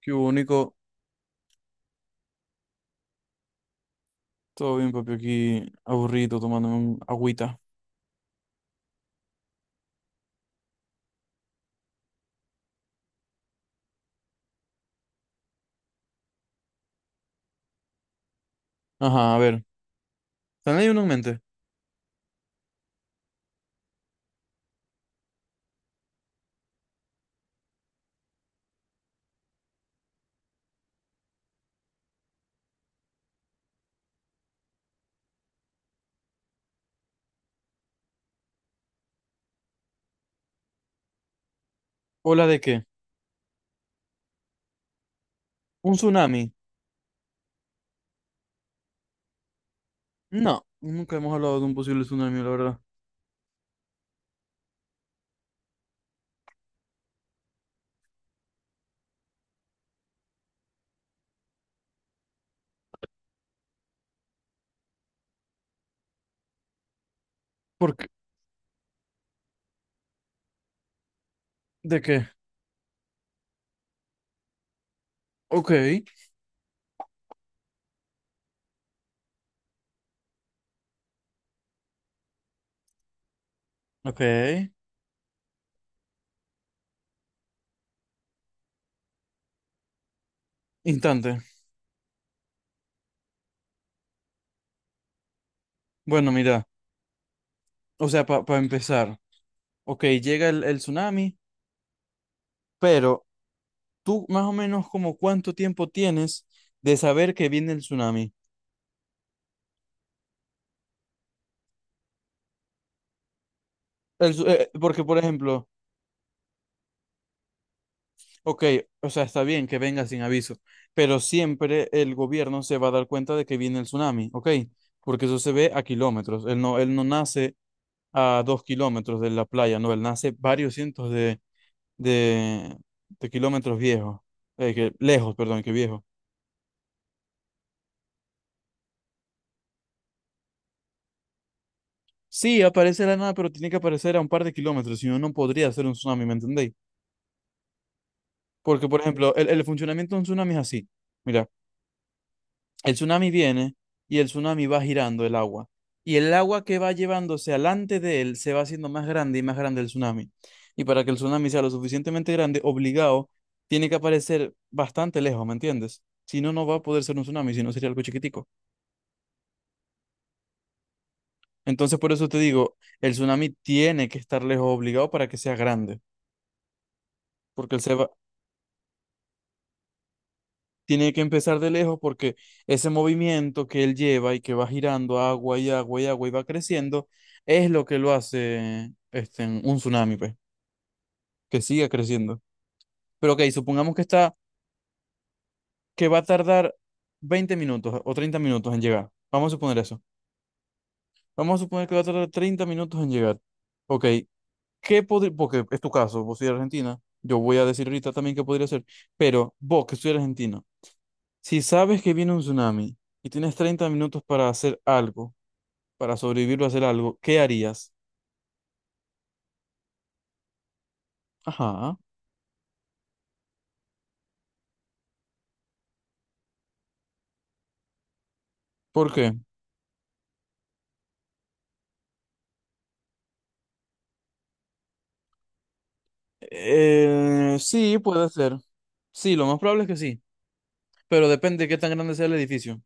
Qué único. Todo bien, papi, aquí aburrido tomándome un agüita. Ajá, a ver. ¿Tenéis uno en mente? ¿Ola de qué? ¿Un tsunami? No, nunca hemos hablado de un posible tsunami, la verdad. ¿Por qué? ¿De qué? Ok, ok. Instante. Bueno, mira, o sea, para empezar. Ok, llega el tsunami, pero tú más o menos como cuánto tiempo tienes de saber que viene el tsunami. Porque, por ejemplo, ok, o sea, está bien que venga sin aviso, pero siempre el gobierno se va a dar cuenta de que viene el tsunami, ok, porque eso se ve a kilómetros. Él no nace a 2 kilómetros de la playa, no, él nace varios cientos de, de, de kilómetros viejos, que, lejos, perdón, que viejos. Sí, aparece de la nada, pero tiene que aparecer a un par de kilómetros, si no, no podría ser un tsunami, ¿me entendéis? Porque, por ejemplo, el funcionamiento de un tsunami es así. Mira. El tsunami viene y el tsunami va girando el agua. Y el agua que va llevándose alante de él se va haciendo más grande y más grande el tsunami. Y para que el tsunami sea lo suficientemente grande, obligado, tiene que aparecer bastante lejos, ¿me entiendes? Si no, no va a poder ser un tsunami, si no sería algo chiquitico. Entonces, por eso te digo, el tsunami tiene que estar lejos obligado para que sea grande, porque él se va, tiene que empezar de lejos porque ese movimiento que él lleva y que va girando agua y agua y agua y va creciendo, es lo que lo hace este, un tsunami, pues, que siga creciendo. Pero ok, supongamos que está, que va a tardar 20 minutos o 30 minutos en llegar. Vamos a suponer eso. Vamos a suponer que va a tardar 30 minutos en llegar. Ok, ¿qué podría, porque es tu caso, vos soy de Argentina, yo voy a decir ahorita también qué podría ser, pero vos que soy argentino, si sabes que viene un tsunami y tienes 30 minutos para hacer algo, para sobrevivir o hacer algo, ¿qué harías? Ajá. ¿Por qué? Sí, puede ser. Sí, lo más probable es que sí, pero depende de qué tan grande sea el edificio.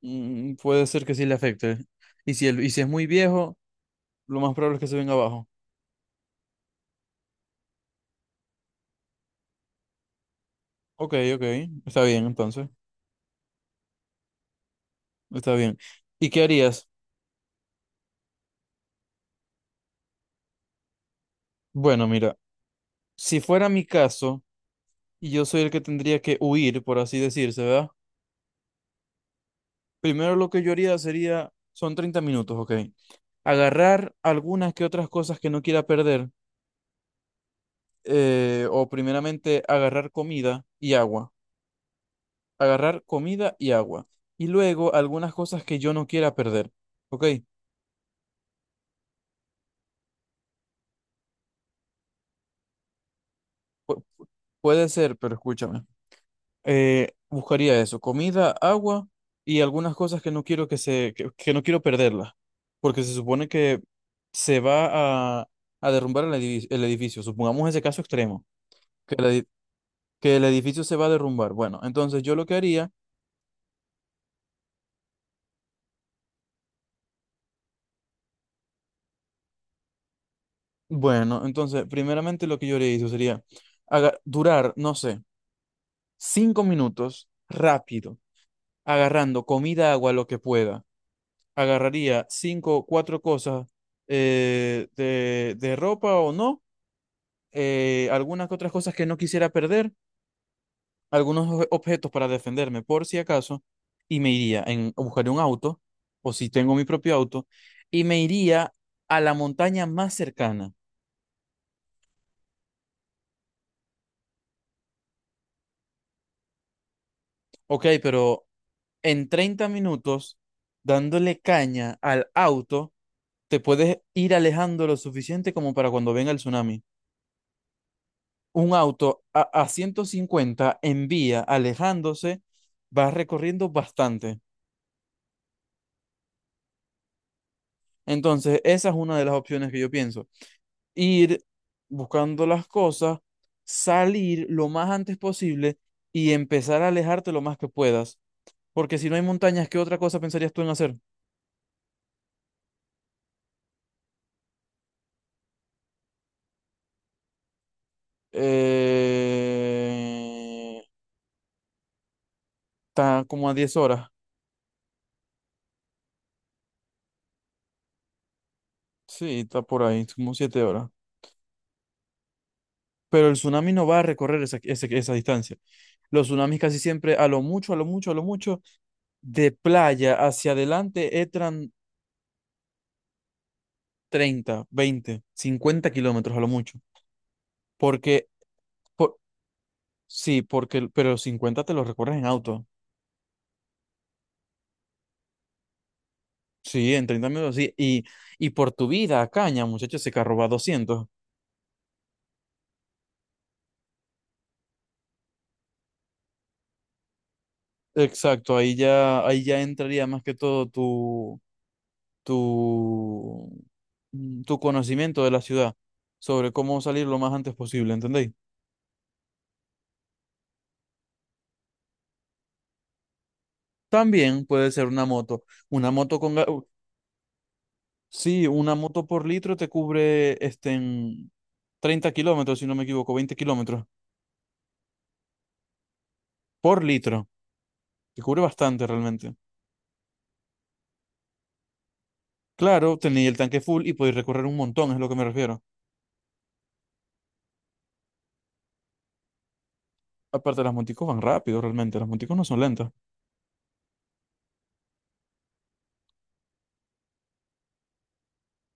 Puede ser que sí le afecte. Y si es muy viejo, lo más probable es que se venga abajo. Ok, ok, está bien entonces, está bien. ¿Y qué harías? Bueno, mira, si fuera mi caso y yo soy el que tendría que huir, por así decirse, ¿verdad? Primero lo que yo haría sería, son 30 minutos, ok. Agarrar algunas que otras cosas que no quiera perder, o primeramente agarrar comida y agua, agarrar comida y agua, y luego algunas cosas que yo no quiera perder, ¿ok? Pu- Puede ser, pero escúchame, buscaría eso, comida, agua y algunas cosas que no quiero que se, que no quiero perderlas, porque se supone que se va a derrumbar el edificio, supongamos ese caso extremo, que el edi- que el edificio se va a derrumbar. Bueno, entonces yo lo que haría. Bueno, entonces, primeramente lo que yo haría eso sería durar, no sé, 5 minutos rápido, agarrando comida, agua, lo que pueda. Agarraría cinco, cuatro cosas de ropa o no, algunas que otras cosas que no quisiera perder, algunos objetos para defenderme por si acaso, y me iría en, buscar un auto, o si tengo mi propio auto, y me iría a la montaña más cercana. Ok, pero en 30 minutos, dándole caña al auto, te puedes ir alejando lo suficiente como para cuando venga el tsunami. Un auto a 150 en vía, alejándose, va recorriendo bastante. Entonces, esa es una de las opciones que yo pienso. Ir buscando las cosas, salir lo más antes posible y empezar a alejarte lo más que puedas. Porque si no hay montañas, ¿qué otra cosa pensarías tú en hacer? Eh... Está como a 10 horas. Sí, está por ahí, como 7 horas. Pero el tsunami no va a recorrer esa, esa distancia. Los tsunamis casi siempre, a lo mucho, a lo mucho, a lo mucho, de playa hacia adelante, entran 30 20 50 kilómetros a lo mucho. Porque, por- sí, pero 50 te los recorres en auto. Sí, en 30 minutos, sí. Y por tu vida, caña, muchachos, ese carro va a 200. Exacto, ahí ya entraría más que todo tu, tu conocimiento de la ciudad sobre cómo salir lo más antes posible, ¿entendéis? También puede ser una moto. Una moto con Sí, una moto por litro te cubre este, en 30 kilómetros, si no me equivoco, 20 kilómetros por litro. Te cubre bastante realmente. Claro, tenéis el tanque full y podéis recorrer un montón, es lo que me refiero. Aparte, las moticos van rápido realmente, las moticos no son lentas.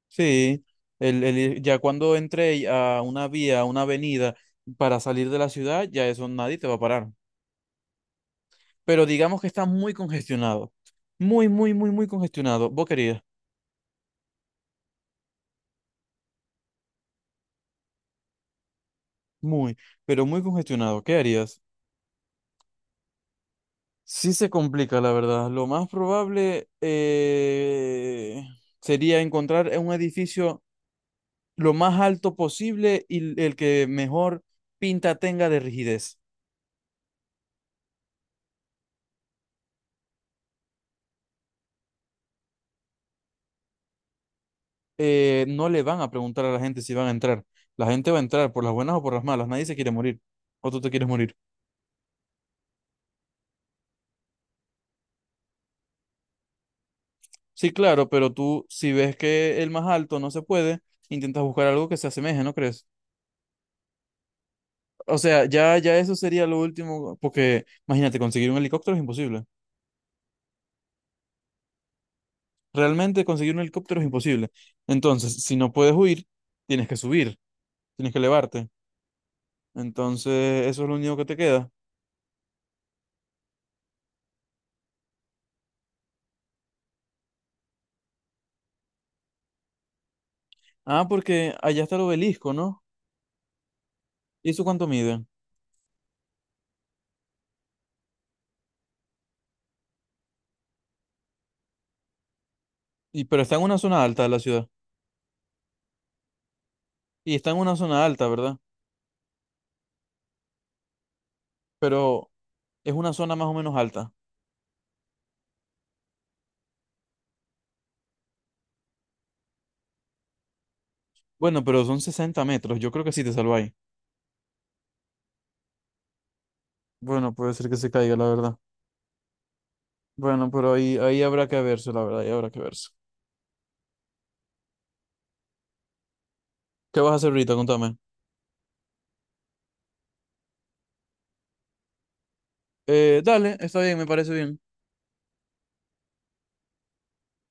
Sí, el ya cuando entré a una vía, a una avenida para salir de la ciudad, ya eso nadie te va a parar. Pero digamos que está muy congestionado. Muy, muy, muy, muy congestionado. ¿Vos querías? Muy, pero muy congestionado. ¿Qué harías? Sí se complica, la verdad. Lo más probable sería encontrar un edificio lo más alto posible y el que mejor pinta tenga de rigidez. No le van a preguntar a la gente si van a entrar. La gente va a entrar por las buenas o por las malas. Nadie se quiere morir. O tú te quieres morir. Sí, claro, pero tú, si ves que el más alto no se puede, intentas buscar algo que se asemeje, ¿no crees? O sea, ya eso sería lo último, porque imagínate, conseguir un helicóptero es imposible. Realmente conseguir un helicóptero es imposible. Entonces, si no puedes huir, tienes que subir, tienes que elevarte. Entonces, eso es lo único que te queda. Ah, porque allá está el obelisco, ¿no? ¿Y eso cuánto mide? Y, pero está en una zona alta de la ciudad. Y está en una zona alta, ¿verdad? Pero es una zona más o menos alta. Bueno, pero son 60 metros. Yo creo que sí te salváis. Bueno, puede ser que se caiga, la verdad. Bueno, pero ahí, ahí habrá que verse, la verdad, ahí habrá que verse. ¿Qué vas a hacer ahorita? Contame. Dale, está bien, me parece bien.